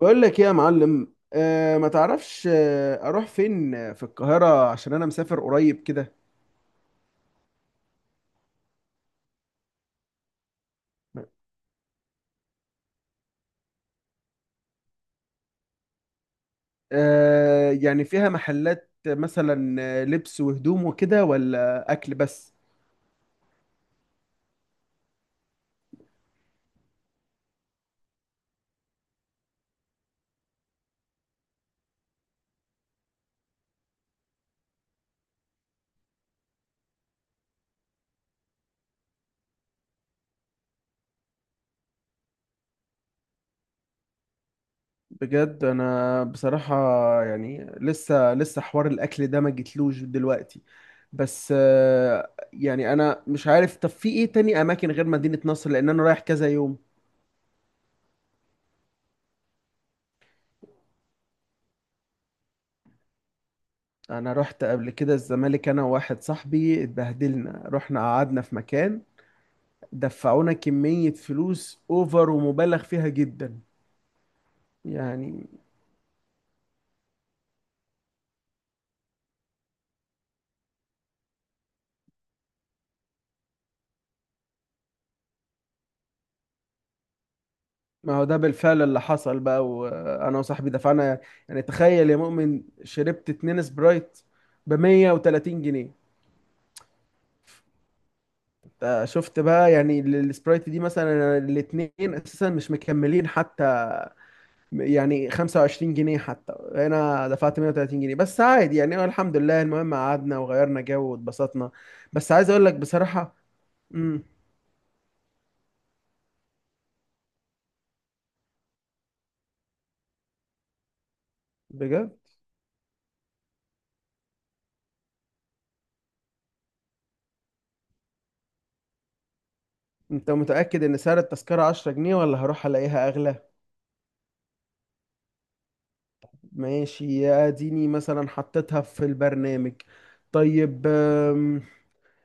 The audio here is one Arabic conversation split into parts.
بقول لك ايه يا معلم، ما تعرفش. اروح فين في القاهرة؟ عشان انا مسافر قريب كده. يعني فيها محلات مثلا لبس وهدوم وكده ولا اكل بس؟ بجد انا بصراحة، يعني لسه حوار الاكل ده ما جتلوش دلوقتي. بس يعني انا مش عارف. طب في ايه تاني اماكن غير مدينة نصر، لان انا رايح كذا يوم. انا رحت قبل كده الزمالك انا وواحد صاحبي، اتبهدلنا. رحنا قعدنا في مكان دفعونا كمية فلوس اوفر ومبالغ فيها جدا. يعني ما هو ده بالفعل اللي حصل بقى، وانا وصاحبي دفعنا. يعني تخيل يا مؤمن، شربت اتنين سبرايت ب 130 جنيه. انت شفت بقى؟ يعني السبرايت دي مثلا الاتنين اساسا مش مكملين حتى، يعني 25 جنيه. حتى انا دفعت 130 جنيه بس عادي يعني، هو الحمد لله. المهم قعدنا وغيرنا جو واتبسطنا. بس عايز اقول لك بصراحة. امم بجد. انت متأكد ان سعر التذكرة 10 جنيه، ولا هروح الاقيها اغلى؟ ماشي، يا اديني مثلا حطيتها في البرنامج. طيب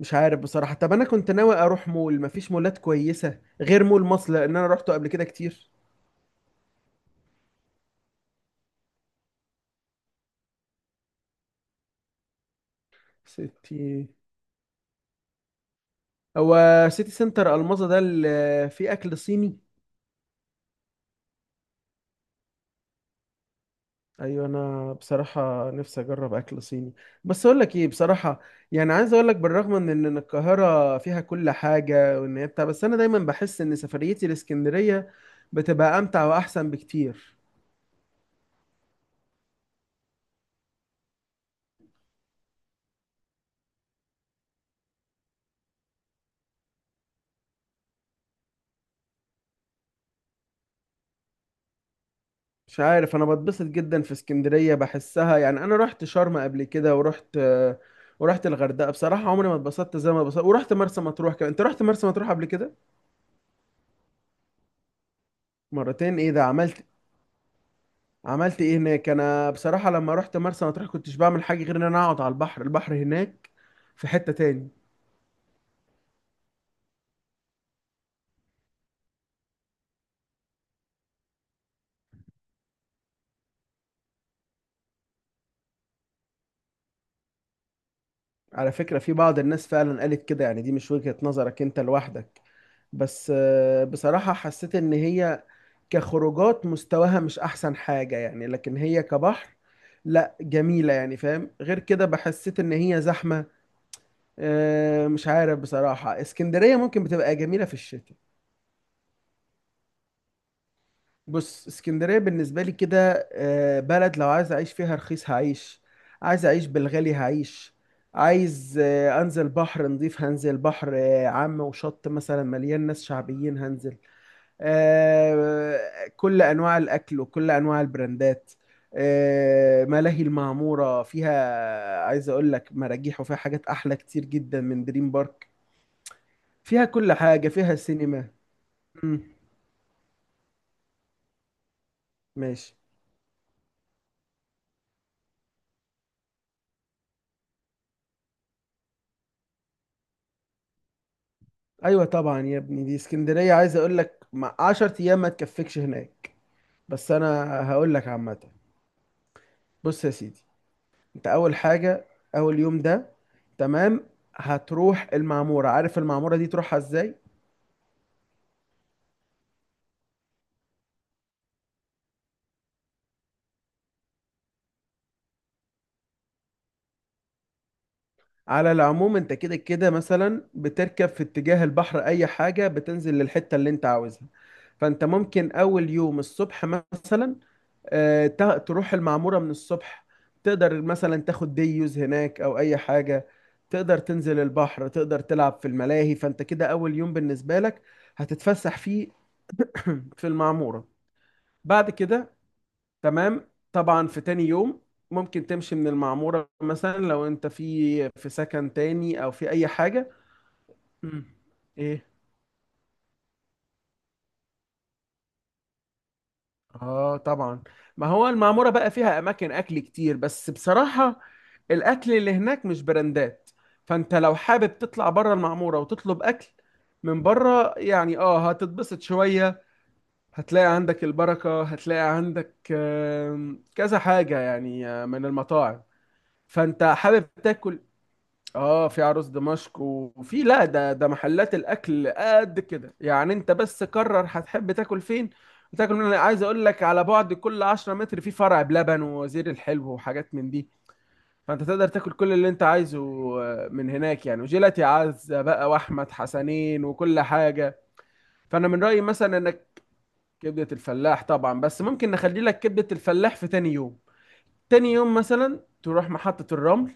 مش عارف بصراحة. طب انا كنت ناوي اروح مول، مفيش مولات كويسة غير مول مصر، لان انا روحته قبل كده كتير. سيتي هو سيتي سنتر الماظة ده اللي فيه اكل صيني؟ ايوه انا بصراحه نفسي اجرب اكل صيني. بس اقول لك ايه بصراحه، يعني عايز اقول لك بالرغم من إن القاهره فيها كل حاجه وان هي بتاع، بس انا دايما بحس ان سفريتي لاسكندريه بتبقى امتع واحسن بكتير. مش عارف، انا بتبسط جدا في اسكندريه بحسها. يعني انا رحت شرم قبل كده ورحت الغردقه. بصراحه عمري ما اتبسطت زي ما اتبسطت. ورحت مرسى مطروح كمان. انت رحت مرسى مطروح قبل كده؟ مرتين، ايه ده، عملت ايه هناك؟ انا بصراحه لما رحت مرسى مطروح كنتش بعمل حاجه غير ان انا اقعد على البحر هناك في حته تاني. على فكره، في بعض الناس فعلا قالت كده. يعني دي مش وجهه نظرك انت لوحدك، بس بصراحه حسيت ان هي كخروجات مستواها مش احسن حاجه يعني. لكن هي كبحر، لا جميله يعني، فاهم؟ غير كده بحسيت ان هي زحمه. مش عارف بصراحه، اسكندريه ممكن بتبقى جميله في الشتاء. بص، اسكندرية بالنسبة لي كده بلد، لو عايز أعيش فيها رخيص هعيش، عايز أعيش بالغالي هعيش. عايز أنزل بحر نضيف هنزل، بحر عام وشط مثلا مليان ناس شعبيين هنزل. آه، كل أنواع الأكل وكل أنواع البراندات. ملاهي المعمورة فيها عايز أقول لك مراجيح، وفيها حاجات أحلى كتير جدا من دريم بارك. فيها كل حاجة، فيها سينما. مم، ماشي. ايوه طبعا يا ابني، دي اسكندريه عايز اقول لك مع 10 ايام ما تكفكش هناك. بس انا هقول لك عامه. بص يا سيدي، انت اول حاجه، اول يوم ده تمام، هتروح المعموره. عارف المعموره دي تروحها ازاي؟ على العموم، انت كده كده مثلا بتركب في اتجاه البحر، اي حاجه بتنزل للحته اللي انت عاوزها. فانت ممكن اول يوم الصبح مثلا تروح المعمورة من الصبح. تقدر مثلا تاخد ديوز هناك أو أي حاجة. تقدر تنزل البحر، تقدر تلعب في الملاهي. فأنت كده أول يوم بالنسبة لك هتتفسح فيه في المعمورة. بعد كده تمام، طبعا في تاني يوم ممكن تمشي من المعمورة، مثلا لو أنت في سكن تاني أو في أي حاجة. مم. اه طبعا، ما هو المعمورة بقى فيها اماكن اكل كتير، بس بصراحة الاكل اللي هناك مش براندات. فانت لو حابب تطلع بره المعمورة وتطلب اكل من بره، يعني اه هتتبسط شوية. هتلاقي عندك البركة، هتلاقي عندك كذا حاجة يعني، من المطاعم. فانت حابب تاكل. اه في عروس دمشق، وفي، لا، ده محلات الاكل قد كده يعني. انت بس قرر هتحب تاكل فين وتاكل من. انا عايز اقول لك على بعد كل 10 متر في فرع بلبن ووزير الحلو وحاجات من دي. فانت تقدر تاكل كل اللي انت عايزه من هناك يعني. وجيلاتي عزة بقى واحمد حسنين وكل حاجه. فانا من رايي مثلا انك، كبده الفلاح طبعا، بس ممكن نخلي لك كبده الفلاح في تاني يوم. تاني يوم مثلا تروح محطه الرمل،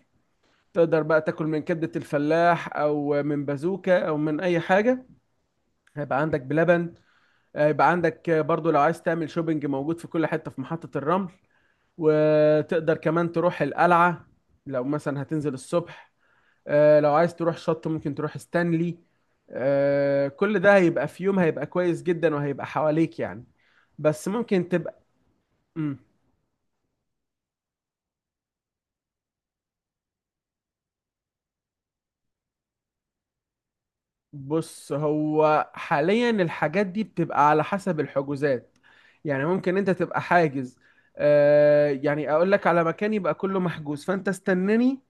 تقدر بقى تاكل من كبدة الفلاح او من بازوكا او من اي حاجة. هيبقى عندك بلبن، هيبقى عندك برضو لو عايز تعمل شوبينج موجود في كل حتة في محطة الرمل. وتقدر كمان تروح القلعة لو مثلا هتنزل الصبح. لو عايز تروح شط ممكن تروح ستانلي. كل ده هيبقى في يوم، هيبقى كويس جدا وهيبقى حواليك يعني. بس ممكن تبقى. مم. بص، هو حاليا الحاجات دي بتبقى على حسب الحجوزات. يعني ممكن انت تبقى حاجز. يعني اقول لك على مكان يبقى كله محجوز، فانت استناني.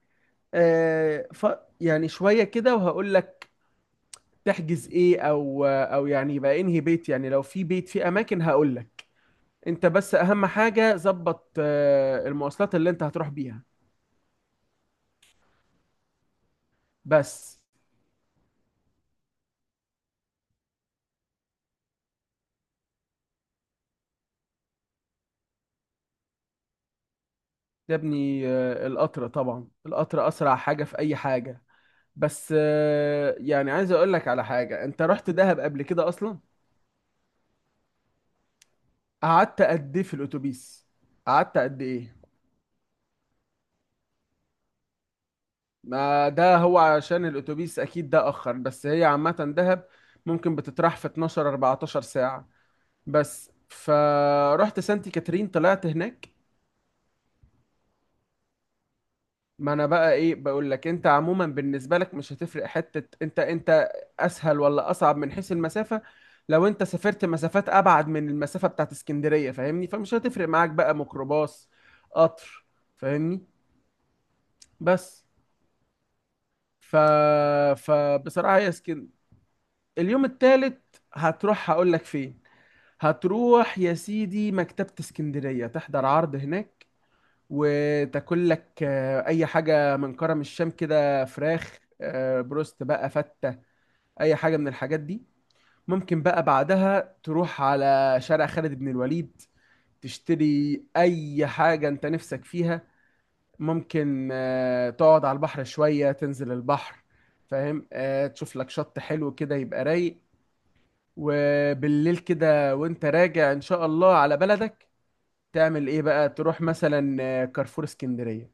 آه ف يعني شوية كده وهقول لك تحجز ايه، او يعني يبقى انهي بيت. يعني لو في بيت في اماكن هقول لك. انت بس اهم حاجة ظبط المواصلات اللي انت هتروح بيها. بس يا ابني القطر، طبعا القطر اسرع حاجة في اي حاجة. بس يعني عايز اقول لك على حاجة، انت رحت دهب قبل كده اصلا؟ قعدت قد ايه في الاتوبيس؟ قعدت قد ايه؟ ما ده هو عشان الاتوبيس اكيد ده اخر، بس هي عامة دهب ممكن بتطرح في 12 14 ساعة. بس فرحت سانتي كاترين طلعت هناك. ما انا بقى ايه بقول لك، انت عموما بالنسبه لك مش هتفرق حته انت اسهل ولا اصعب من حيث المسافه. لو انت سافرت مسافات ابعد من المسافه بتاعت اسكندريه، فاهمني؟ فمش هتفرق معاك بقى ميكروباص قطر، فاهمني؟ بس ف فبصراحه يا اسكن. اليوم التالت هتروح، هقول لك فين. هتروح يا سيدي مكتبه اسكندريه، تحضر عرض هناك، وتاكل لك اي حاجه من كرم الشام كده، فراخ بروست بقى، فته، اي حاجه من الحاجات دي. ممكن بقى بعدها تروح على شارع خالد بن الوليد، تشتري اي حاجه انت نفسك فيها. ممكن تقعد على البحر شويه، تنزل البحر. فاهم؟ تشوف لك شط حلو كده يبقى رايق. وبالليل كده وانت راجع ان شاء الله على بلدك، تعمل ايه بقى؟ تروح مثلا كارفور اسكندريه.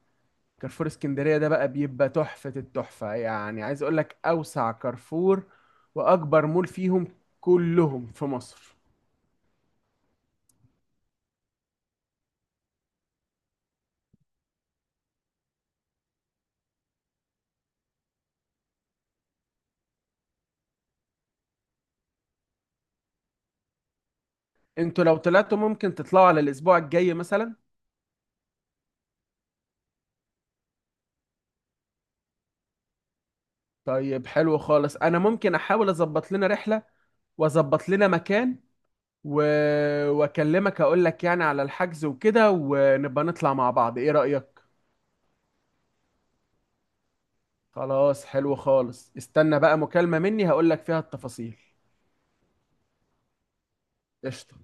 كارفور اسكندرية ده بقى بيبقى تحفة التحفة، يعني عايز اقول لك اوسع كارفور واكبر مول فيهم كلهم في مصر. انتوا لو طلعتوا ممكن تطلعوا على الاسبوع الجاي مثلا. طيب حلو خالص، انا ممكن احاول اظبط لنا رحلة واظبط لنا مكان و... واكلمك اقول لك يعني على الحجز وكده، ونبقى نطلع مع بعض. ايه رأيك؟ خلاص حلو خالص، استنى بقى مكالمة مني هقول لك فيها التفاصيل. قشطة.